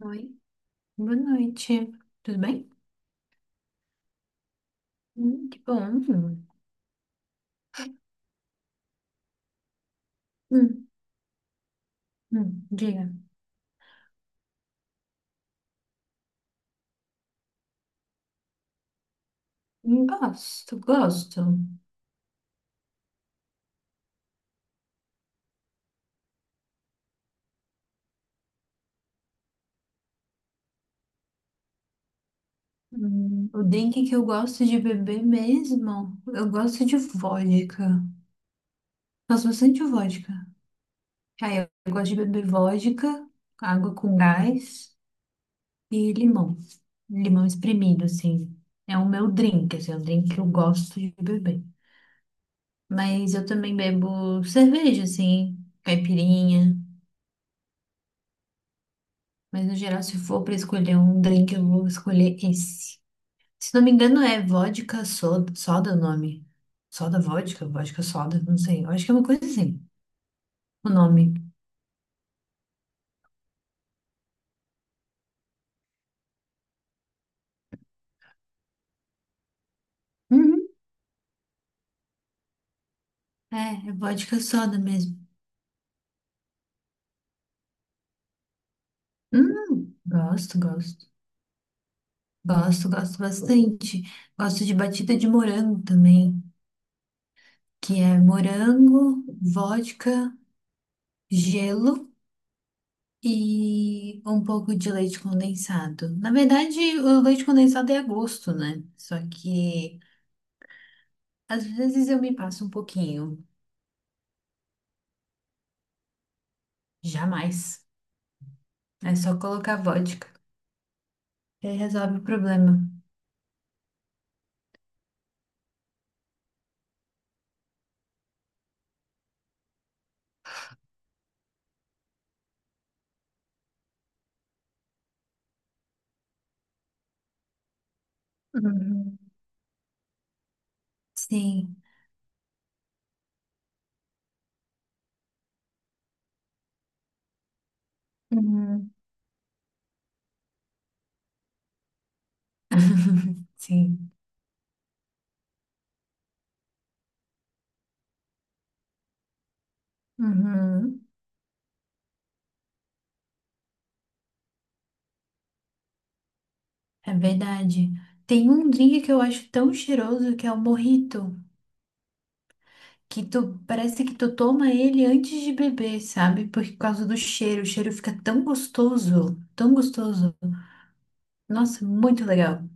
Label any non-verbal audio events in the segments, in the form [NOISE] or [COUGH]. Oi, boa noite. Tudo bem? Que bom. Hum, Diga. Gosto. O drink que eu gosto de beber mesmo, eu gosto de vodka. Gosto bastante de vodka. Aí eu gosto de beber vodka, água com gás e limão. Limão espremido, assim. É o meu drink, assim, é o drink que eu gosto de beber. Mas eu também bebo cerveja, assim, caipirinha. Mas no geral, se for pra escolher um drink, eu vou escolher esse. Se não me engano, é vodka soda, soda o nome. Soda vodka, vodka soda, não sei. Eu acho que é uma coisa assim, o nome. Uhum. É, é vodka soda mesmo. Gosto, gosto. Gosto, gosto bastante. Gosto de batida de morango também, que é morango, vodka, gelo. E um pouco de leite condensado. Na verdade, o leite condensado é a gosto, né? Só que às vezes eu me passo um pouquinho. Jamais. É só colocar vodka. E aí resolve o problema. Uhum. Sim. Uhum. [LAUGHS] Sim. Uhum. É verdade. Tem um drink que eu acho tão cheiroso que é o mojito. Que tu parece que tu toma ele antes de beber, sabe? Por causa do cheiro, o cheiro fica tão gostoso, tão gostoso. Nossa, muito legal.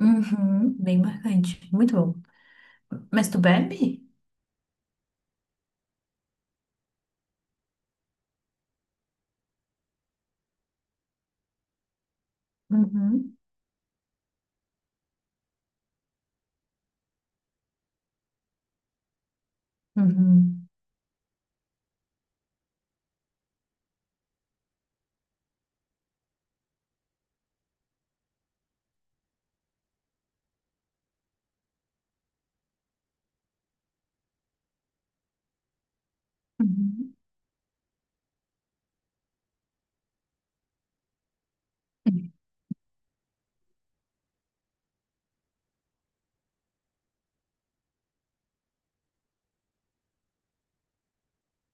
Uhum, bem marcante, muito bom. Mas tu bebe? Uhum, uhum, uhum,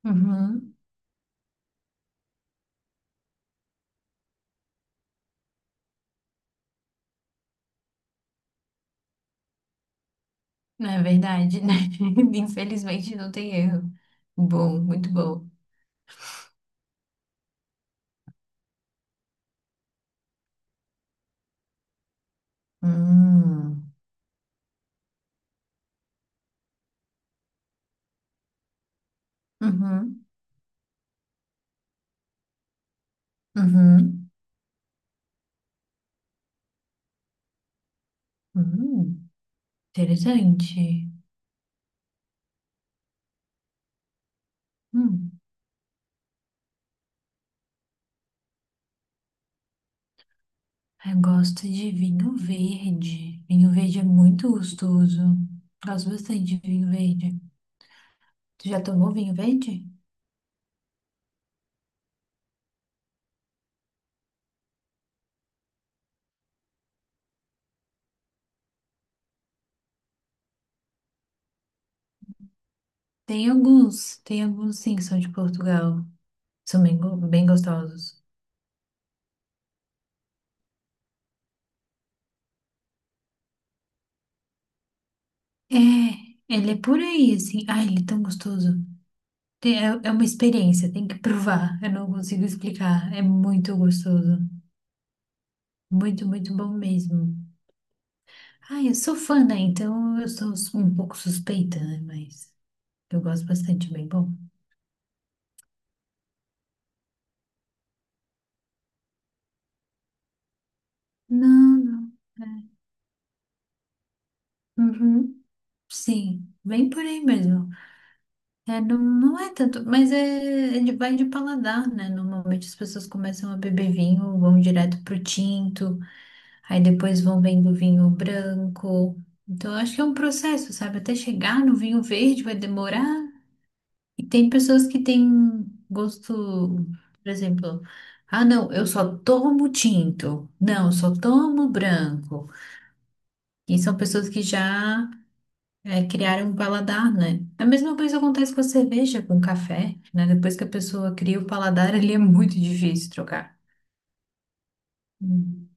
uhum. Não é verdade, né? [LAUGHS] Infelizmente não tem erro. Bom, muito bom. Hum, uhum, uhum, hum, interessante. Hum. Eu gosto de vinho verde. Vinho verde é muito gostoso. Gosto bastante de vinho verde. Tu já tomou vinho verde? Tem alguns sim que são de Portugal. São bem, bem gostosos. É, ele é por aí, assim. Ai, ele é tão gostoso. É, é uma experiência, tem que provar. Eu não consigo explicar. É muito gostoso. Muito, muito bom mesmo. Ai, eu sou fã, né? Então eu sou um pouco suspeita, né? Mas eu gosto bastante, é bem bom. Não, não. É. Uhum. Sim, bem por aí mesmo. É, não, não é tanto, mas é, vai de paladar, né? Normalmente as pessoas começam a beber vinho, vão direto pro tinto, aí depois vão vendo vinho branco. Então, eu acho que é um processo, sabe? Até chegar no vinho verde vai demorar. E tem pessoas que têm gosto, por exemplo, ah, não, eu só tomo tinto. Não, eu só tomo branco. E são pessoas que já é criar um paladar, né? A mesma coisa acontece com a cerveja, com o café, né? Depois que a pessoa cria o paladar, ele é muito difícil trocar. Hum.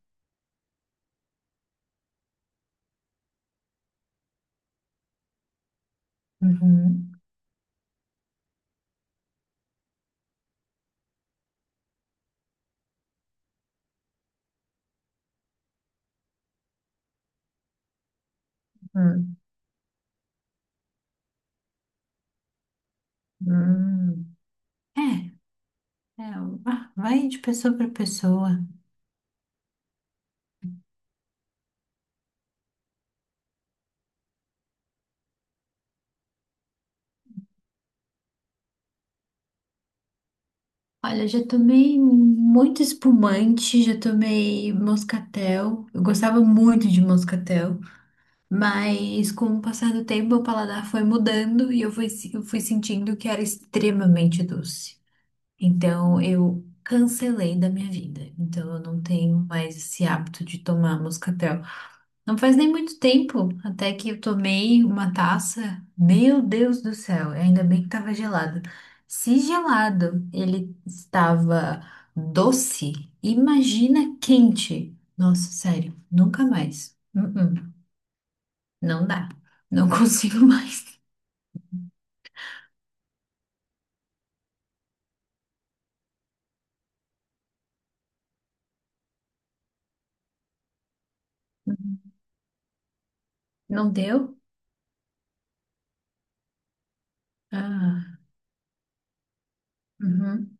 Uhum. Hum. Hum. É, é, ah, vai de pessoa para pessoa. Olha, já tomei muito espumante, já tomei moscatel. Eu gostava muito de moscatel, mas com o passar do tempo, o paladar foi mudando e eu fui sentindo que era extremamente doce. Então eu cancelei da minha vida. Então eu não tenho mais esse hábito de tomar moscatel. Não faz nem muito tempo até que eu tomei uma taça. Meu Deus do céu, ainda bem que estava gelado. Se gelado ele estava doce, imagina quente. Nossa, sério, nunca mais. Uh-uh, não dá. Não [LAUGHS] consigo mais. Não deu? Ah, uhum,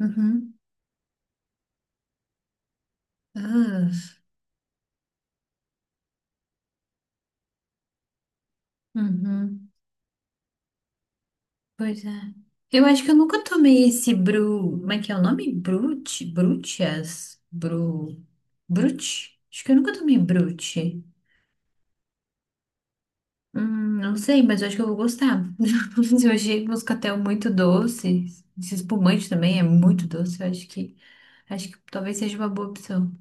uhum, ah, uhum. Pois é. Eu acho que eu nunca tomei esse Bru. Como é que é o nome? Brute? Brutias? Bru. Brute? Acho que eu nunca tomei Brute. Não sei, mas eu acho que eu vou gostar. [LAUGHS] Eu achei moscatel muito doce. Esse espumante também é muito doce. Eu acho que talvez seja uma boa opção.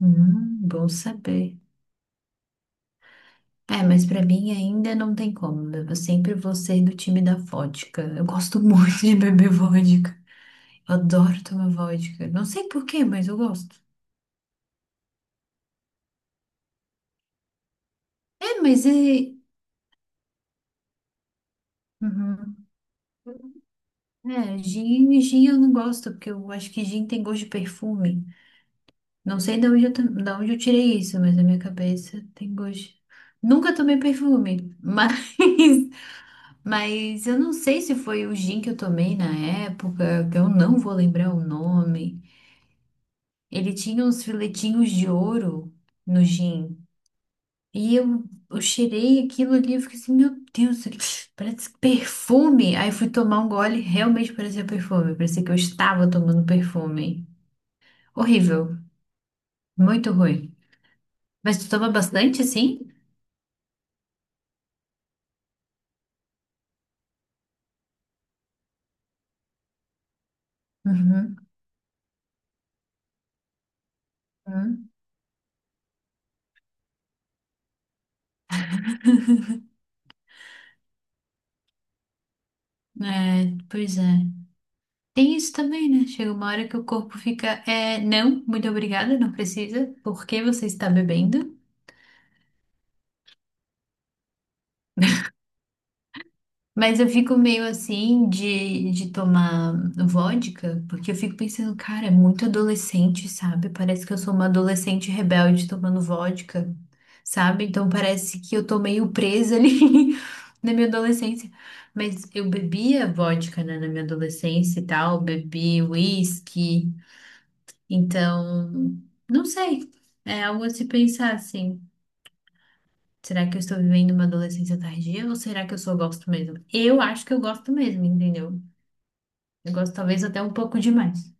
Bom saber. É, mas pra mim ainda não tem como, né? Eu sempre vou ser do time da vodka. Eu gosto [LAUGHS] muito de beber vodka. Adoro tomar vodka. Não sei por quê, mas eu gosto. É, mas é. Uhum. É, gin eu não gosto, porque eu acho que gin tem gosto de perfume. Não sei de onde da onde eu tirei isso, mas na minha cabeça tem gosto. Nunca tomei perfume, mas, [LAUGHS] mas eu não sei se foi o gin que eu tomei na época, que eu não vou lembrar o nome. Ele tinha uns filetinhos de ouro no gin. E eu cheirei aquilo ali, eu fiquei assim, meu Deus, isso aqui parece perfume. Aí eu fui tomar um gole, realmente parecia perfume. Parecia que eu estava tomando perfume. Horrível, muito ruim. Mas tu toma bastante, assim? Uhum. Uhum. É, pois é. Tem isso também, né? Chega uma hora que o corpo fica, é, não, muito obrigada, não precisa. Por que você está bebendo? Mas eu fico meio assim de tomar vodka, porque eu fico pensando, cara, é muito adolescente, sabe? Parece que eu sou uma adolescente rebelde tomando vodka, sabe? Então parece que eu tô meio presa ali [LAUGHS] na minha adolescência. Mas eu bebia vodka, né, na minha adolescência e tal, bebi whisky, então, não sei. É algo a se pensar, assim. Será que eu estou vivendo uma adolescência tardia ou será que eu só gosto mesmo? Eu acho que eu gosto mesmo, entendeu? Eu gosto talvez até um pouco demais.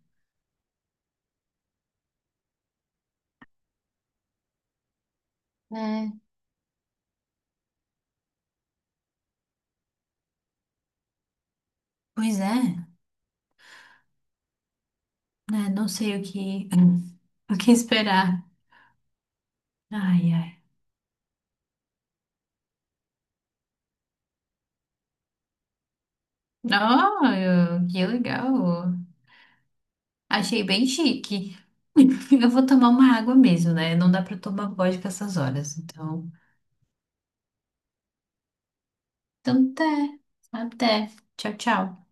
É. Pois é, né? Não sei o que, [LAUGHS] o que esperar. Ai, ai. Oh, que legal. Achei bem chique. [LAUGHS] Eu vou tomar uma água mesmo, né? Não dá pra tomar vodka essas horas. Então, então até. Até. Tchau, tchau.